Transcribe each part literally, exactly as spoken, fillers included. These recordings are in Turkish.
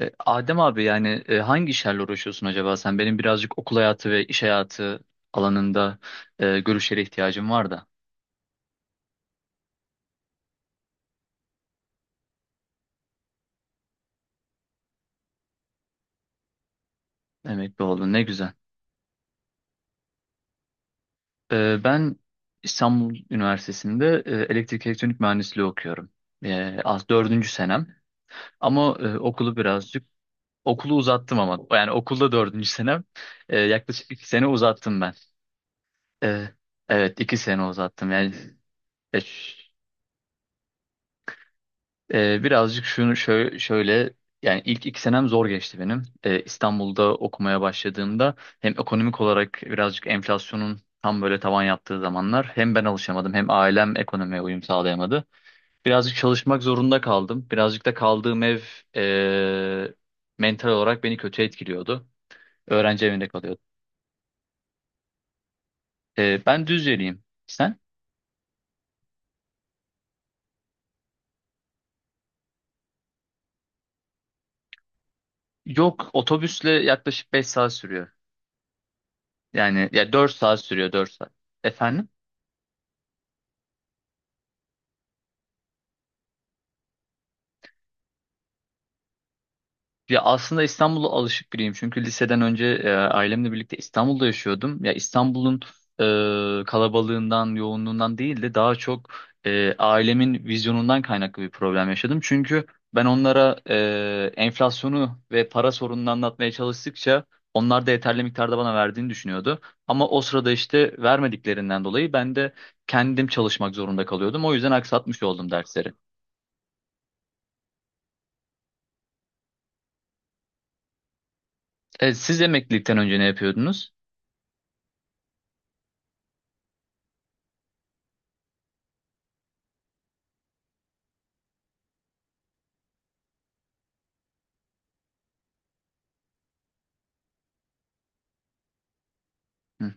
E, Adem abi yani e, hangi işlerle uğraşıyorsun acaba sen? Benim birazcık okul hayatı ve iş hayatı alanında e, görüşlere ihtiyacım var da. Emekli oldun, ne güzel. E, ben İstanbul Üniversitesi'nde e, elektrik elektronik mühendisliği okuyorum. E, az dördüncü senem ama e, okulu birazcık okulu uzattım, ama yani okulda dördüncü senem, e, yaklaşık iki sene uzattım ben. E, evet, iki sene uzattım yani. e, Ee, birazcık şunu şöyle, şöyle yani ilk iki senem zor geçti benim. Ee, İstanbul'da okumaya başladığımda hem ekonomik olarak birazcık enflasyonun tam böyle tavan yaptığı zamanlar, hem ben alışamadım, hem ailem ekonomiye uyum sağlayamadı. Birazcık çalışmak zorunda kaldım. Birazcık da kaldığım ev ee, mental olarak beni kötü etkiliyordu. Öğrenci evinde kalıyordum. Ee, ben Düzceliyim. Sen? Yok, otobüsle yaklaşık beş saat sürüyor. Yani ya, dört saat sürüyor, dört saat. Efendim? Ya, aslında İstanbul'a alışık biriyim. Çünkü liseden önce e, ailemle birlikte İstanbul'da yaşıyordum. Ya İstanbul'un e, kalabalığından, yoğunluğundan değil de daha çok e, ailemin vizyonundan kaynaklı bir problem yaşadım. Çünkü ben onlara e, enflasyonu ve para sorununu anlatmaya çalıştıkça, onlar da yeterli miktarda bana verdiğini düşünüyordu. Ama o sırada işte vermediklerinden dolayı ben de kendim çalışmak zorunda kalıyordum. O yüzden aksatmış oldum dersleri. E, siz emeklilikten önce ne yapıyordunuz? Hı.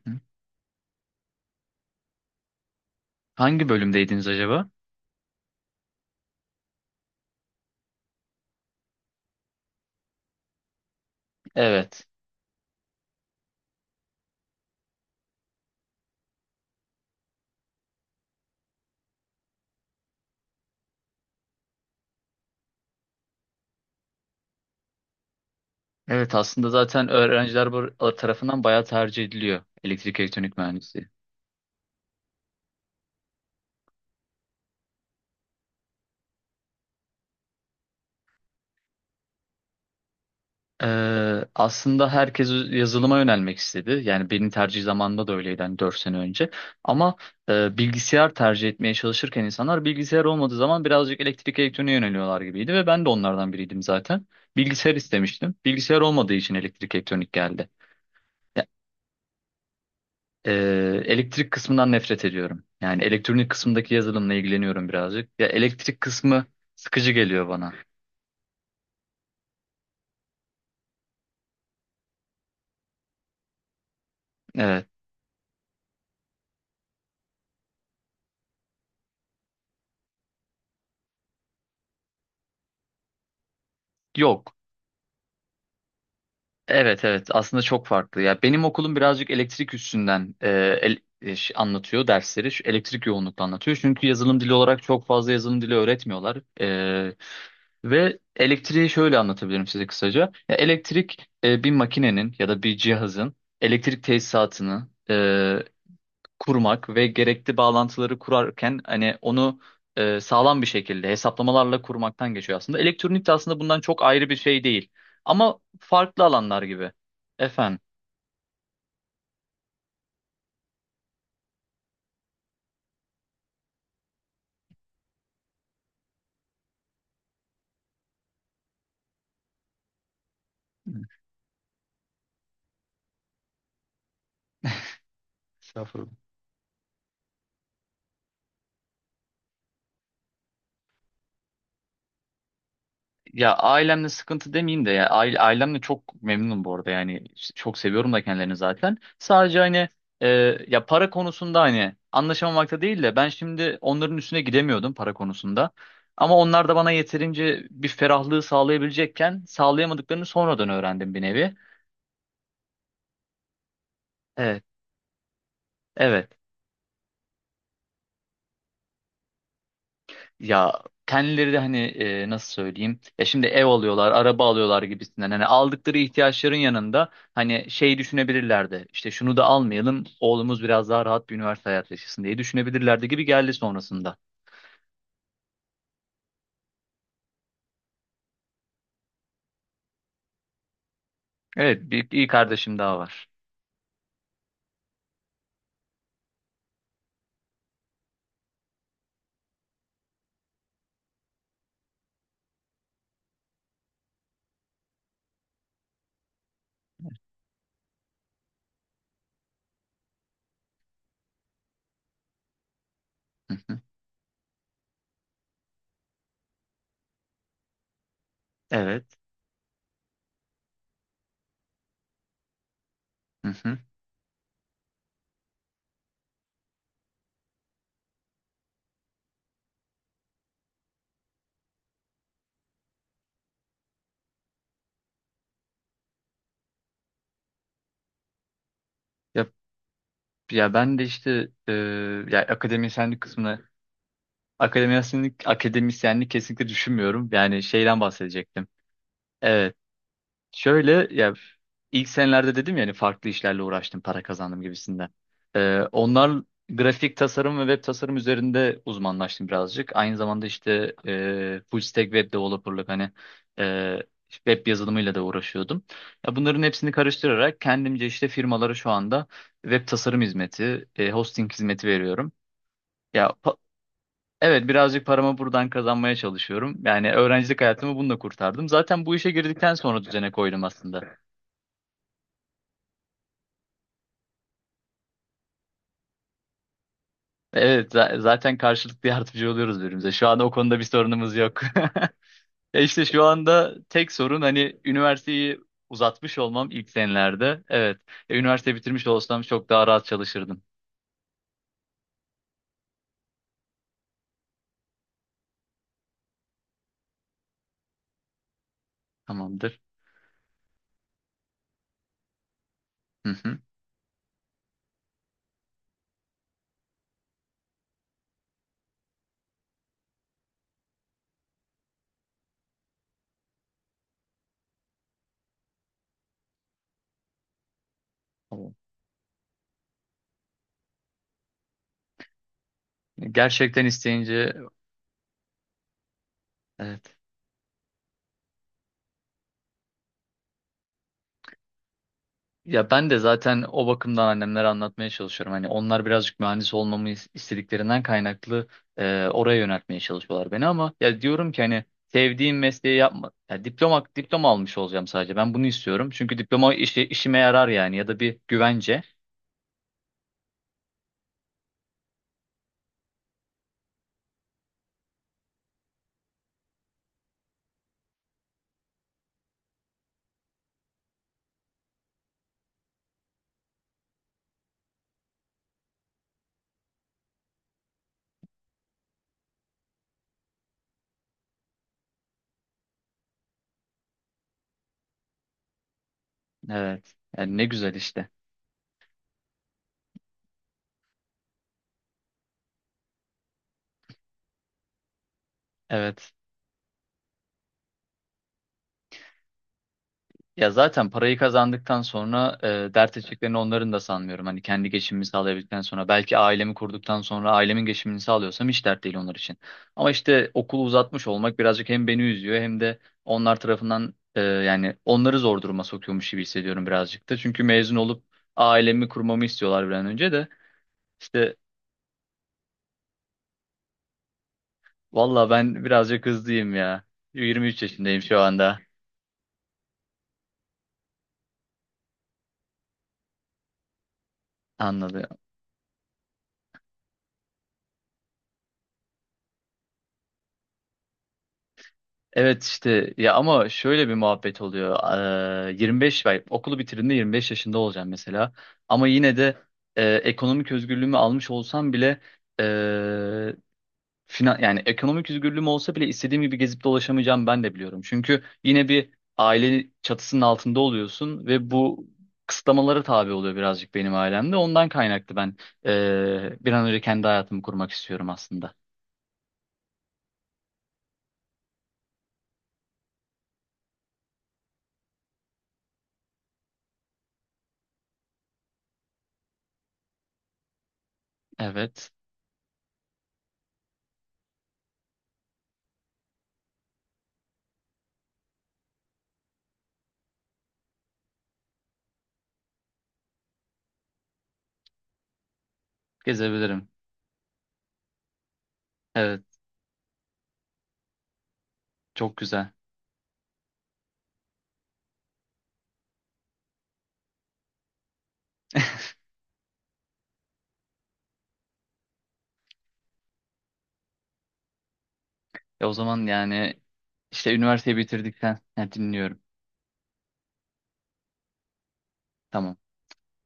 Hangi bölümdeydiniz acaba? Evet. Evet, aslında zaten öğrenciler bu- tarafından bayağı tercih ediliyor elektrik elektronik mühendisliği. Ee, aslında herkes yazılıma yönelmek istedi. Yani benim tercih zamanımda da öyleydi, hani dört sene önce. Ama e, bilgisayar tercih etmeye çalışırken, insanlar bilgisayar olmadığı zaman birazcık elektrik elektroniğe yöneliyorlar gibiydi ve ben de onlardan biriydim zaten. Bilgisayar istemiştim. Bilgisayar olmadığı için elektrik elektronik geldi. Ee, elektrik kısmından nefret ediyorum. Yani elektronik kısmındaki yazılımla ilgileniyorum birazcık. Ya elektrik kısmı sıkıcı geliyor bana. Evet. Yok. Evet, evet, aslında çok farklı. Ya benim okulum birazcık elektrik üstünden e, el- e, ş- anlatıyor dersleri. Şu elektrik yoğunlukla anlatıyor. Çünkü yazılım dili olarak çok fazla yazılım dili öğretmiyorlar. Ee, ve elektriği şöyle anlatabilirim size kısaca. Ya elektrik, e, bir makinenin ya da bir cihazın elektrik tesisatını kurmak ve gerekli bağlantıları kurarken hani onu e, sağlam bir şekilde hesaplamalarla kurmaktan geçiyor aslında. Elektronik de aslında bundan çok ayrı bir şey değil. Ama farklı alanlar gibi. Efendim. Estağfurullah. Ya ailemle sıkıntı demeyeyim de ya, aile, ailemle çok memnunum bu arada, yani çok seviyorum da kendilerini zaten. Sadece hani, e, ya para konusunda hani anlaşamamakta değil de ben şimdi onların üstüne gidemiyordum para konusunda. Ama onlar da bana yeterince bir ferahlığı sağlayabilecekken sağlayamadıklarını sonradan öğrendim bir nevi. Evet, evet. Ya kendileri de hani, e, nasıl söyleyeyim? Ya şimdi ev alıyorlar, araba alıyorlar gibisinden. Hani aldıkları ihtiyaçların yanında hani şey düşünebilirlerdi. İşte şunu da almayalım, oğlumuz biraz daha rahat bir üniversite hayatı yaşasın diye düşünebilirlerdi gibi geldi sonrasında. Evet, bir iyi kardeşim daha var. Hı hı. Evet. Hı hı. Ya, ya ben de işte e, ya akademisyenlik kısmına, akademisyenlik akademisyenlik kesinlikle düşünmüyorum. Yani şeyden bahsedecektim. Evet. Şöyle ya, ilk senelerde dedim ya, hani farklı işlerle uğraştım, para kazandım gibisinden. Ee, onlar grafik tasarım ve web tasarım üzerinde uzmanlaştım birazcık. Aynı zamanda işte e, full stack web developerlık, hani e, web yazılımıyla da uğraşıyordum. Ya bunların hepsini karıştırarak kendimce işte firmalara şu anda web tasarım hizmeti, e, hosting hizmeti veriyorum. Ya pa- evet, birazcık paramı buradan kazanmaya çalışıyorum. Yani öğrencilik hayatımı bununla kurtardım. Zaten bu işe girdikten sonra düzene koydum aslında. Evet, za- zaten karşılıklı yardımcı oluyoruz birbirimize. Şu anda o konuda bir sorunumuz yok. Ya işte şu anda tek sorun hani üniversiteyi uzatmış olmam ilk senelerde. Evet. E, üniversite bitirmiş olsam çok daha rahat çalışırdım. Tamamdır. Hı hı. Tamam. Gerçekten isteyince, evet. Ya ben de zaten o bakımdan annemlere anlatmaya çalışıyorum. Hani onlar birazcık mühendis olmamı is- istediklerinden kaynaklı e, oraya yöneltmeye çalışıyorlar beni, ama ya diyorum ki hani sevdiğim mesleği yapma. Ya diploma diploma almış olacağım sadece. Ben bunu istiyorum. Çünkü diploma işi, işime yarar yani, ya da bir güvence. Evet. Yani ne güzel işte. Evet. Ya zaten parayı kazandıktan sonra e, dert edeceklerini onların da sanmıyorum. Hani kendi geçimimi sağlayabildikten sonra, belki ailemi kurduktan sonra ailemin geçimini sağlıyorsam, hiç dert değil onlar için. Ama işte okulu uzatmış olmak birazcık hem beni üzüyor, hem de onlar tarafından e, yani onları zor duruma sokuyormuş gibi hissediyorum birazcık da. Çünkü mezun olup ailemi kurmamı istiyorlar bir an önce de. İşte valla ben birazcık hızlıyım ya. yirmi üç yaşındayım şu anda. Anladım. Evet işte ya, ama şöyle bir muhabbet oluyor. Eee, yirmi beş ben okulu bitirdiğimde yirmi beş yaşında olacağım mesela. Ama yine de e, ekonomik özgürlüğümü almış olsam bile, e, finan yani ekonomik özgürlüğüm olsa bile istediğim gibi gezip dolaşamayacağım, ben de biliyorum. Çünkü yine bir aile çatısının altında oluyorsun ve bu kısıtlamalara tabi oluyor birazcık benim ailemde. Ondan kaynaklı ben e, bir an önce kendi hayatımı kurmak istiyorum aslında. Evet, gezebilirim. Evet, çok güzel. E o zaman yani işte üniversiteyi bitirdikten, ha, dinliyorum. Tamam.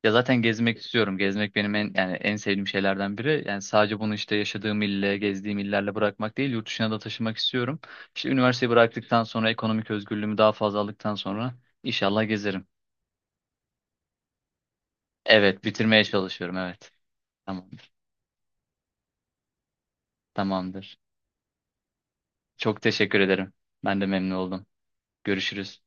Ya zaten gezmek istiyorum. Gezmek benim en, yani en sevdiğim şeylerden biri. Yani sadece bunu işte yaşadığım ille, gezdiğim illerle bırakmak değil, yurt dışına da taşımak istiyorum. İşte üniversiteyi bıraktıktan sonra ekonomik özgürlüğümü daha fazla aldıktan sonra inşallah gezerim. Evet, bitirmeye çalışıyorum. Evet. Tamamdır. Tamamdır. Çok teşekkür ederim. Ben de memnun oldum. Görüşürüz.